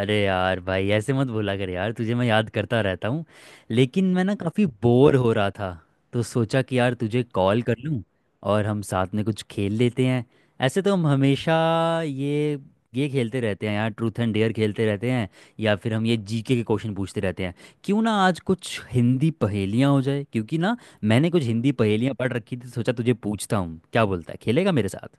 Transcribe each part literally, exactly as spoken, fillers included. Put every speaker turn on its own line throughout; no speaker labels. अरे यार भाई, ऐसे मत बोला कर यार। तुझे मैं याद करता रहता हूँ। लेकिन मैं ना काफ़ी बोर हो रहा था, तो सोचा कि यार तुझे कॉल कर लूँ, और हम साथ में कुछ खेल लेते हैं। ऐसे तो हम हमेशा ये ये खेलते रहते हैं यार, ट्रूथ एंड डेयर खेलते रहते हैं, या फिर हम ये जीके के क्वेश्चन पूछते रहते हैं। क्यों ना आज कुछ हिंदी पहेलियाँ हो जाए, क्योंकि ना मैंने कुछ हिंदी पहेलियाँ पढ़ रखी थी, सोचा तुझे पूछता हूँ। क्या बोलता है, खेलेगा मेरे साथ?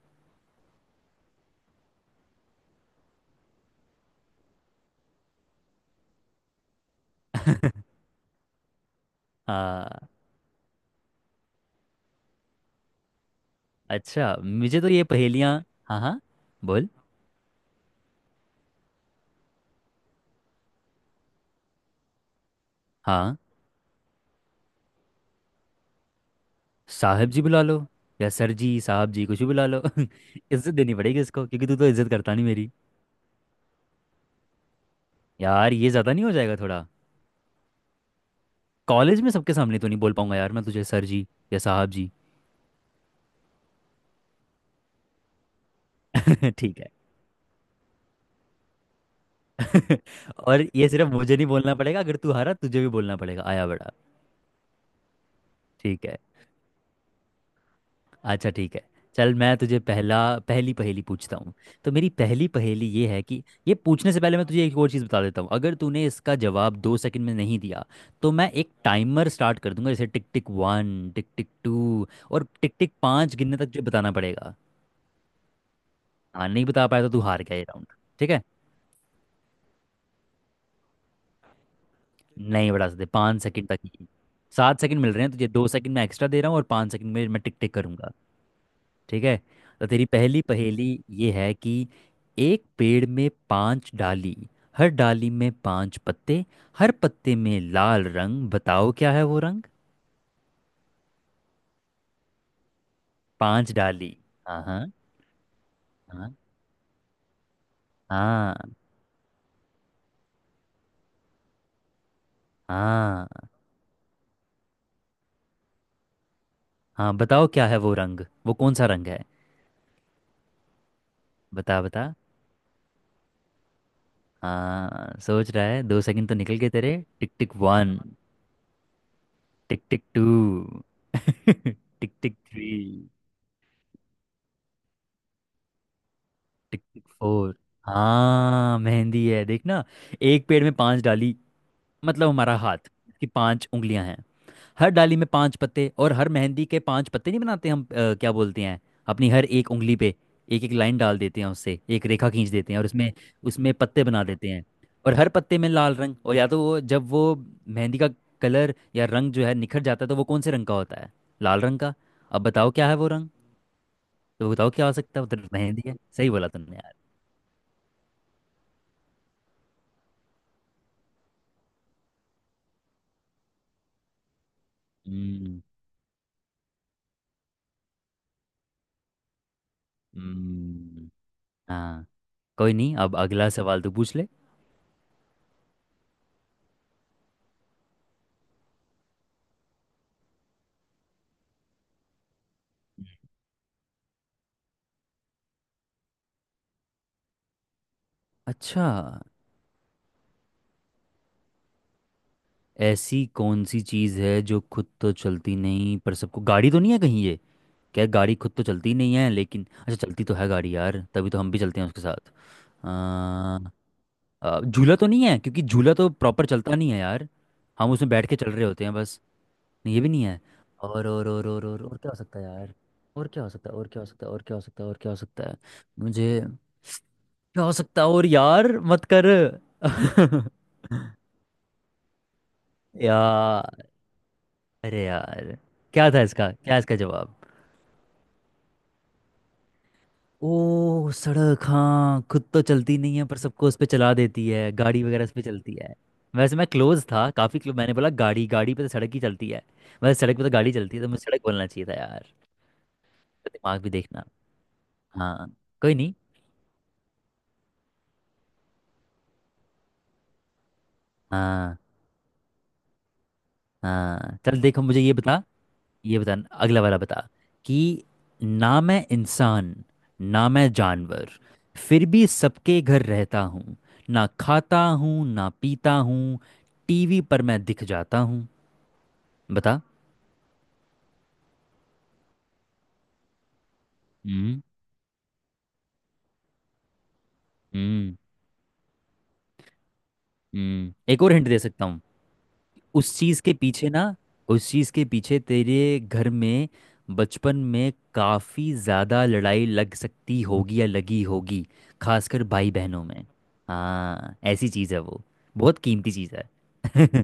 हाँ। अच्छा, मुझे तो ये पहेलियाँ। हाँ, हाँ। बोल। हाँ। साहब जी बुला लो, या सर जी, साहब जी कुछ भी बुला लो। इज्जत देनी पड़ेगी इसको, क्योंकि तू तो इज्जत करता नहीं मेरी। यार, ये ज़्यादा नहीं हो जाएगा थोड़ा? कॉलेज में सबके सामने तो नहीं बोल पाऊंगा यार मैं तुझे सर जी या साहब जी। ठीक है। और ये सिर्फ मुझे नहीं बोलना पड़ेगा, अगर तू हारा तुझे भी बोलना पड़ेगा। आया बड़ा। ठीक है। अच्छा, ठीक है। चल, मैं तुझे पहला पहली पहेली पूछता हूँ। तो मेरी पहली पहेली ये है कि ये पूछने से पहले मैं तुझे एक और चीज़ बता देता हूँ। अगर तूने इसका जवाब दो सेकंड में नहीं दिया, तो मैं एक टाइमर स्टार्ट कर दूंगा, जैसे tick tick one, tick tick two, और टिक टिक पाँच गिनने तक तुझे बताना पड़ेगा। हाँ, नहीं बता पाया तो तू हार गया ये राउंड। ठीक है। नहीं बता सकते, पाँच सेकंड तक ही। सात सेकंड मिल रहे हैं तुझे, दो सेकंड मैं एक्स्ट्रा दे रहा हूँ और पाँच सेकंड में मैं टिक टिक करूंगा। ठीक है। तो तेरी पहली पहेली ये है कि एक पेड़ में पांच डाली, हर डाली में पांच पत्ते, हर पत्ते में लाल रंग, बताओ क्या है वो रंग। पांच डाली। हाँ, हाँ। हाँ, हाँ। हाँ, हाँ। बताओ क्या है वो रंग, वो कौन सा रंग है? बता, बता। हाँ, सोच रहा है, दो सेकंड तो निकल गए तेरे। Tick tick one, tick tick two, tick tick three, tick tick four. हाँ, मेहंदी है, देखना। एक पेड़ में पांच डाली मतलब हमारा हाथ की पांच उंगलियां हैं, हर डाली में पांच पत्ते, और हर मेहंदी के पांच पत्ते नहीं बनाते हम, अ, क्या बोलते हैं, अपनी हर एक उंगली पे एक एक लाइन डाल देते हैं, उससे एक रेखा खींच देते हैं और उसमें उसमें पत्ते बना देते हैं, और हर पत्ते में लाल रंग। और या तो वो, जब वो मेहंदी का कलर या रंग जो है निखर जाता है, तो वो कौन से रंग का होता है? लाल रंग का। अब बताओ क्या है वो रंग। तो बताओ क्या हो सकता है उधर। मेहंदी है, सही बोला तुमने यार। हम्म। हम्म, हाँ। कोई नहीं, अब अगला सवाल तो पूछ ले। अच्छा, ऐसी कौन सी चीज़ है जो खुद तो चलती नहीं पर सबको, गाड़ी तो नहीं है कहीं ये? क्या गाड़ी खुद तो चलती नहीं है? लेकिन अच्छा, चलती तो है गाड़ी यार, तभी तो हम भी चलते हैं उसके साथ। अ, अ, झूला तो नहीं है, क्योंकि झूला तो प्रॉपर चलता नहीं है यार, हम उसमें बैठ के चल रहे होते हैं बस। नहीं, ये भी नहीं है। और और और और और और क्या हो सकता है यार, और क्या हो सकता है, और क्या हो सकता है, और क्या हो सकता है, और क्या हो सकता है, मुझे क्या हो सकता है और यार? मत कर। यार, अरे यार, क्या था इसका क्या इसका जवाब? ओ, सड़क। हाँ, खुद तो चलती नहीं है पर सबको उस पे चला देती है, गाड़ी वगैरह उस पे चलती है। वैसे मैं क्लोज था, काफी क्लोज। मैंने बोला गाड़ी, गाड़ी पे तो सड़क ही चलती है। वैसे सड़क पे तो गाड़ी चलती है, तो मुझे सड़क बोलना चाहिए था यार। तो दिमाग भी देखना। हाँ। कोई नहीं। हाँ, हाँ। चल देखो, मुझे ये बता, ये बता, अगला वाला बता, कि ना मैं इंसान, ना मैं जानवर, फिर भी सबके घर रहता हूँ। ना खाता हूँ, ना पीता हूँ, टीवी पर मैं दिख जाता हूँ। बता। हम्म। हम्म। हम्म एक और हिंट दे सकता हूँ। उस चीज के पीछे ना उस चीज के पीछे तेरे घर में बचपन में काफी ज्यादा लड़ाई लग सकती होगी या लगी होगी, खासकर भाई बहनों में। हाँ, ऐसी चीज है वो, बहुत कीमती चीज है।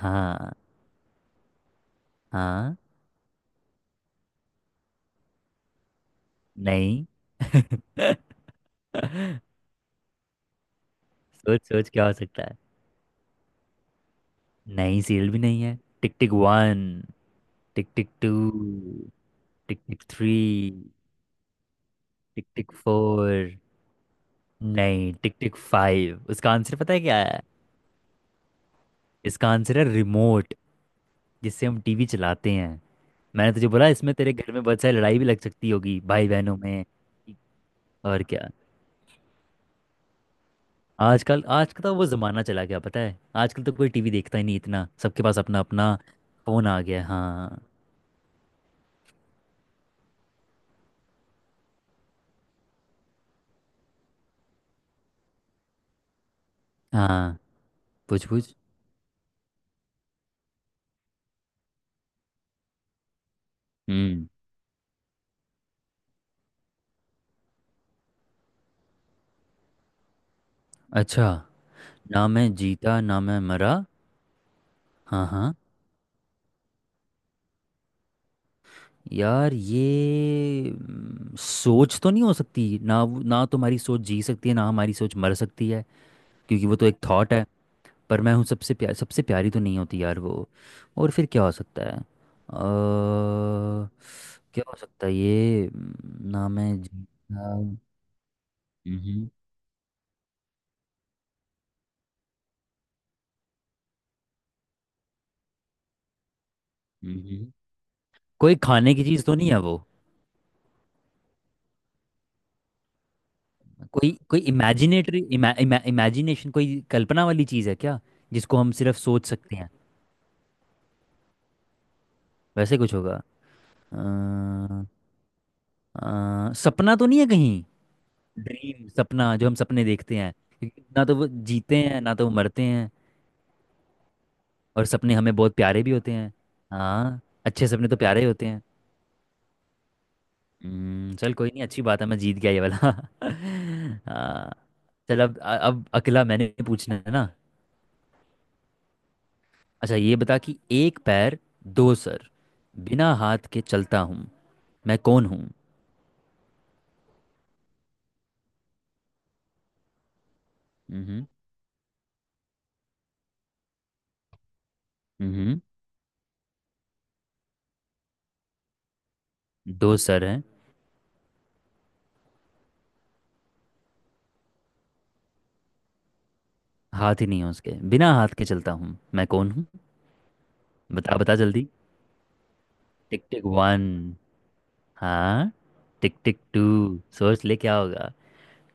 हाँ। हाँ, नहीं। सोच सोच, क्या हो सकता है। नहीं, सीरियल भी नहीं है। Tick tick one, tick tick two, tick tick three, tick tick four, नहीं, टिक टिक फाइव। उसका आंसर पता है क्या है? इसका आंसर है रिमोट, जिससे हम टीवी चलाते हैं। मैंने तुझे बोला इसमें तेरे घर में बहुत सारी लड़ाई भी लग सकती होगी भाई बहनों में, और क्या। आजकल आज का तो वो ज़माना चला गया, पता है। आजकल तो कोई टीवी देखता ही नहीं इतना, सबके पास अपना अपना फ़ोन आ गया है। हाँ। हाँ, पूछ पूछ। हम्म। अच्छा। ना मैं जीता ना मैं मरा। हाँ, हाँ। यार, ये हम्म, सोच तो नहीं हो सकती ना, वो- ना तुम्हारी सोच जी सकती है ना हमारी सोच मर सकती है, क्योंकि वो तो एक थॉट है। पर मैं हूँ सबसे प्यार, सबसे प्यारी तो नहीं होती यार वो। और फिर क्या हो सकता है? अ, क्या हो सकता है ये हम्म, ना मैं जी ना- मम्हम, मम्हम। कोई खाने की चीज़ तो नहीं है वो? कोई कोई इमेजिनेटरी इमा, इमा, इमेजिनेशन, कोई कल्पना वाली चीज़ है क्या, जिसको हम सिर्फ सोच सकते हैं? वैसे कुछ होगा। अ, सपना तो नहीं है कहीं? ड्रीम, सपना, जो हम सपने देखते हैं, क्योंकि ना तो वो जीते हैं ना तो वो मरते हैं। और सपने हमें बहुत प्यारे भी होते हैं। हाँ, अच्छे सपने तो प्यारे ही होते हैं। हम्म, चल कोई नहीं, अच्छी बात है, मैं जीत गया ये वाला। हाँ। चल, अब अब अकेला मैंने पूछना है ना। अच्छा, ये बता कि एक पैर, दो सर, बिना हाथ के चलता हूँ, मैं कौन हूँ। हम्म। हम्म। दो सर हैं। हाथ ही नहीं है उसके, बिना हाथ के चलता हूँ, मैं कौन हूँ? बता, बता जल्दी। टिक टिक वन। हाँ। टिक टिक टू। सोच ले क्या होगा।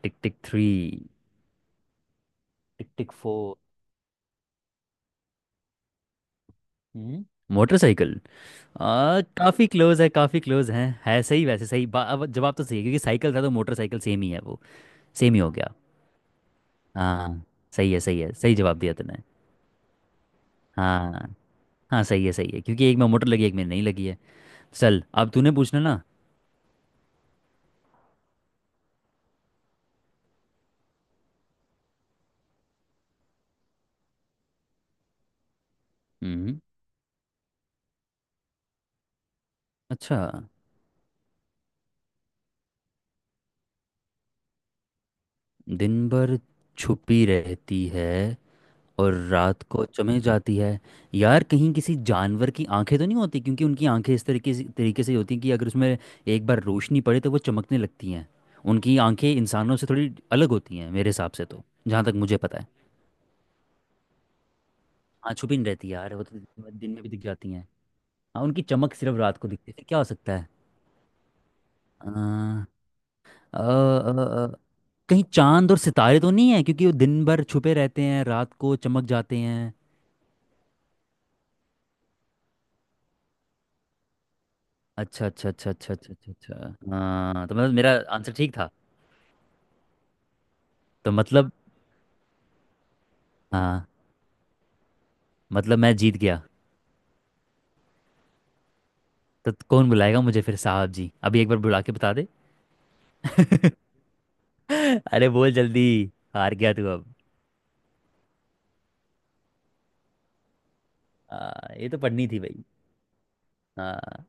Tick tick three, tick tick four. हम्म मोटरसाइकिल। आ काफी क्लोज है, काफी क्लोज है है सही, वैसे सही बा, अब जवाब तो सही है, क्योंकि साइकिल था तो मोटरसाइकिल सेम ही है वो, सेम ही हो गया। हाँ, सही है, सही है, सही जवाब दिया तूने। हाँ, हाँ, सही है, सही है, क्योंकि एक में मोटर लगी, एक में नहीं लगी है। चल, अब तूने पूछना ना। हम्म। अच्छा, दिन भर छुपी रहती है और रात को चमें जाती है। यार, कहीं किसी जानवर की आंखें तो नहीं होती, क्योंकि उनकी आंखें इस तरीके से तरीके से होती हैं कि अगर उसमें एक बार रोशनी पड़े तो वो चमकने लगती हैं। उनकी आंखें इंसानों से थोड़ी अलग होती हैं मेरे हिसाब से, तो जहाँ तक मुझे पता है। हाँ, छुपी नहीं रहती यार वो तो, दिन में भी दिख जाती हैं। हाँ, उनकी चमक सिर्फ रात को दिखती है, फिर क्या हो सकता है? अ, अ, अ, अ, कहीं चांद और सितारे तो नहीं है, क्योंकि वो दिन भर छुपे रहते हैं, रात को चमक जाते हैं। अच्छा, अच्छा, अच्छा, अच्छा, अच्छा, अच्छा, अच्छा। हाँ, तो मतलब मेरा आंसर ठीक था। तो मतलब, हाँ, मतलब मैं जीत गया। तो कौन बुलाएगा मुझे फिर? साहब जी, अभी एक बार बुला के बता दे। अरे, बोल जल्दी, हार गया तू अब। हाँ, ये तो पढ़नी थी भाई। हाँ।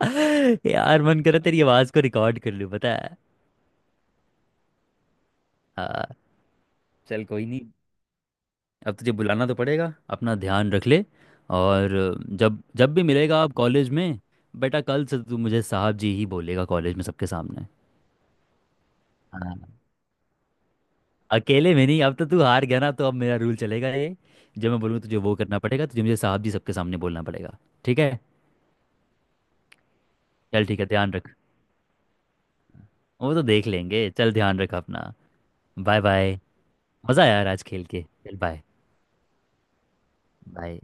यार, मन करे तेरी आवाज़ को रिकॉर्ड कर लूँ, पता है। हाँ, चल कोई नहीं, अब तुझे बुलाना तो पड़ेगा, अपना ध्यान रख ले। और जब जब भी मिलेगा आप कॉलेज में, बेटा कल से तो तू मुझे साहब जी ही बोलेगा कॉलेज में सबके सामने। हाँ, अकेले में नहीं, अब तो तू हार गया ना, तो अब मेरा रूल चलेगा ये। जब मैं बोलूँ तुझे वो करना पड़ेगा, तुझे मुझे साहब जी सबके सामने बोलना पड़ेगा। ठीक है। चल ठीक है, ध्यान रख। वो तो देख लेंगे, चल ध्यान रख अपना। Bye, bye. मज़ा आया यार आज खेल के, चल बाय। बाय।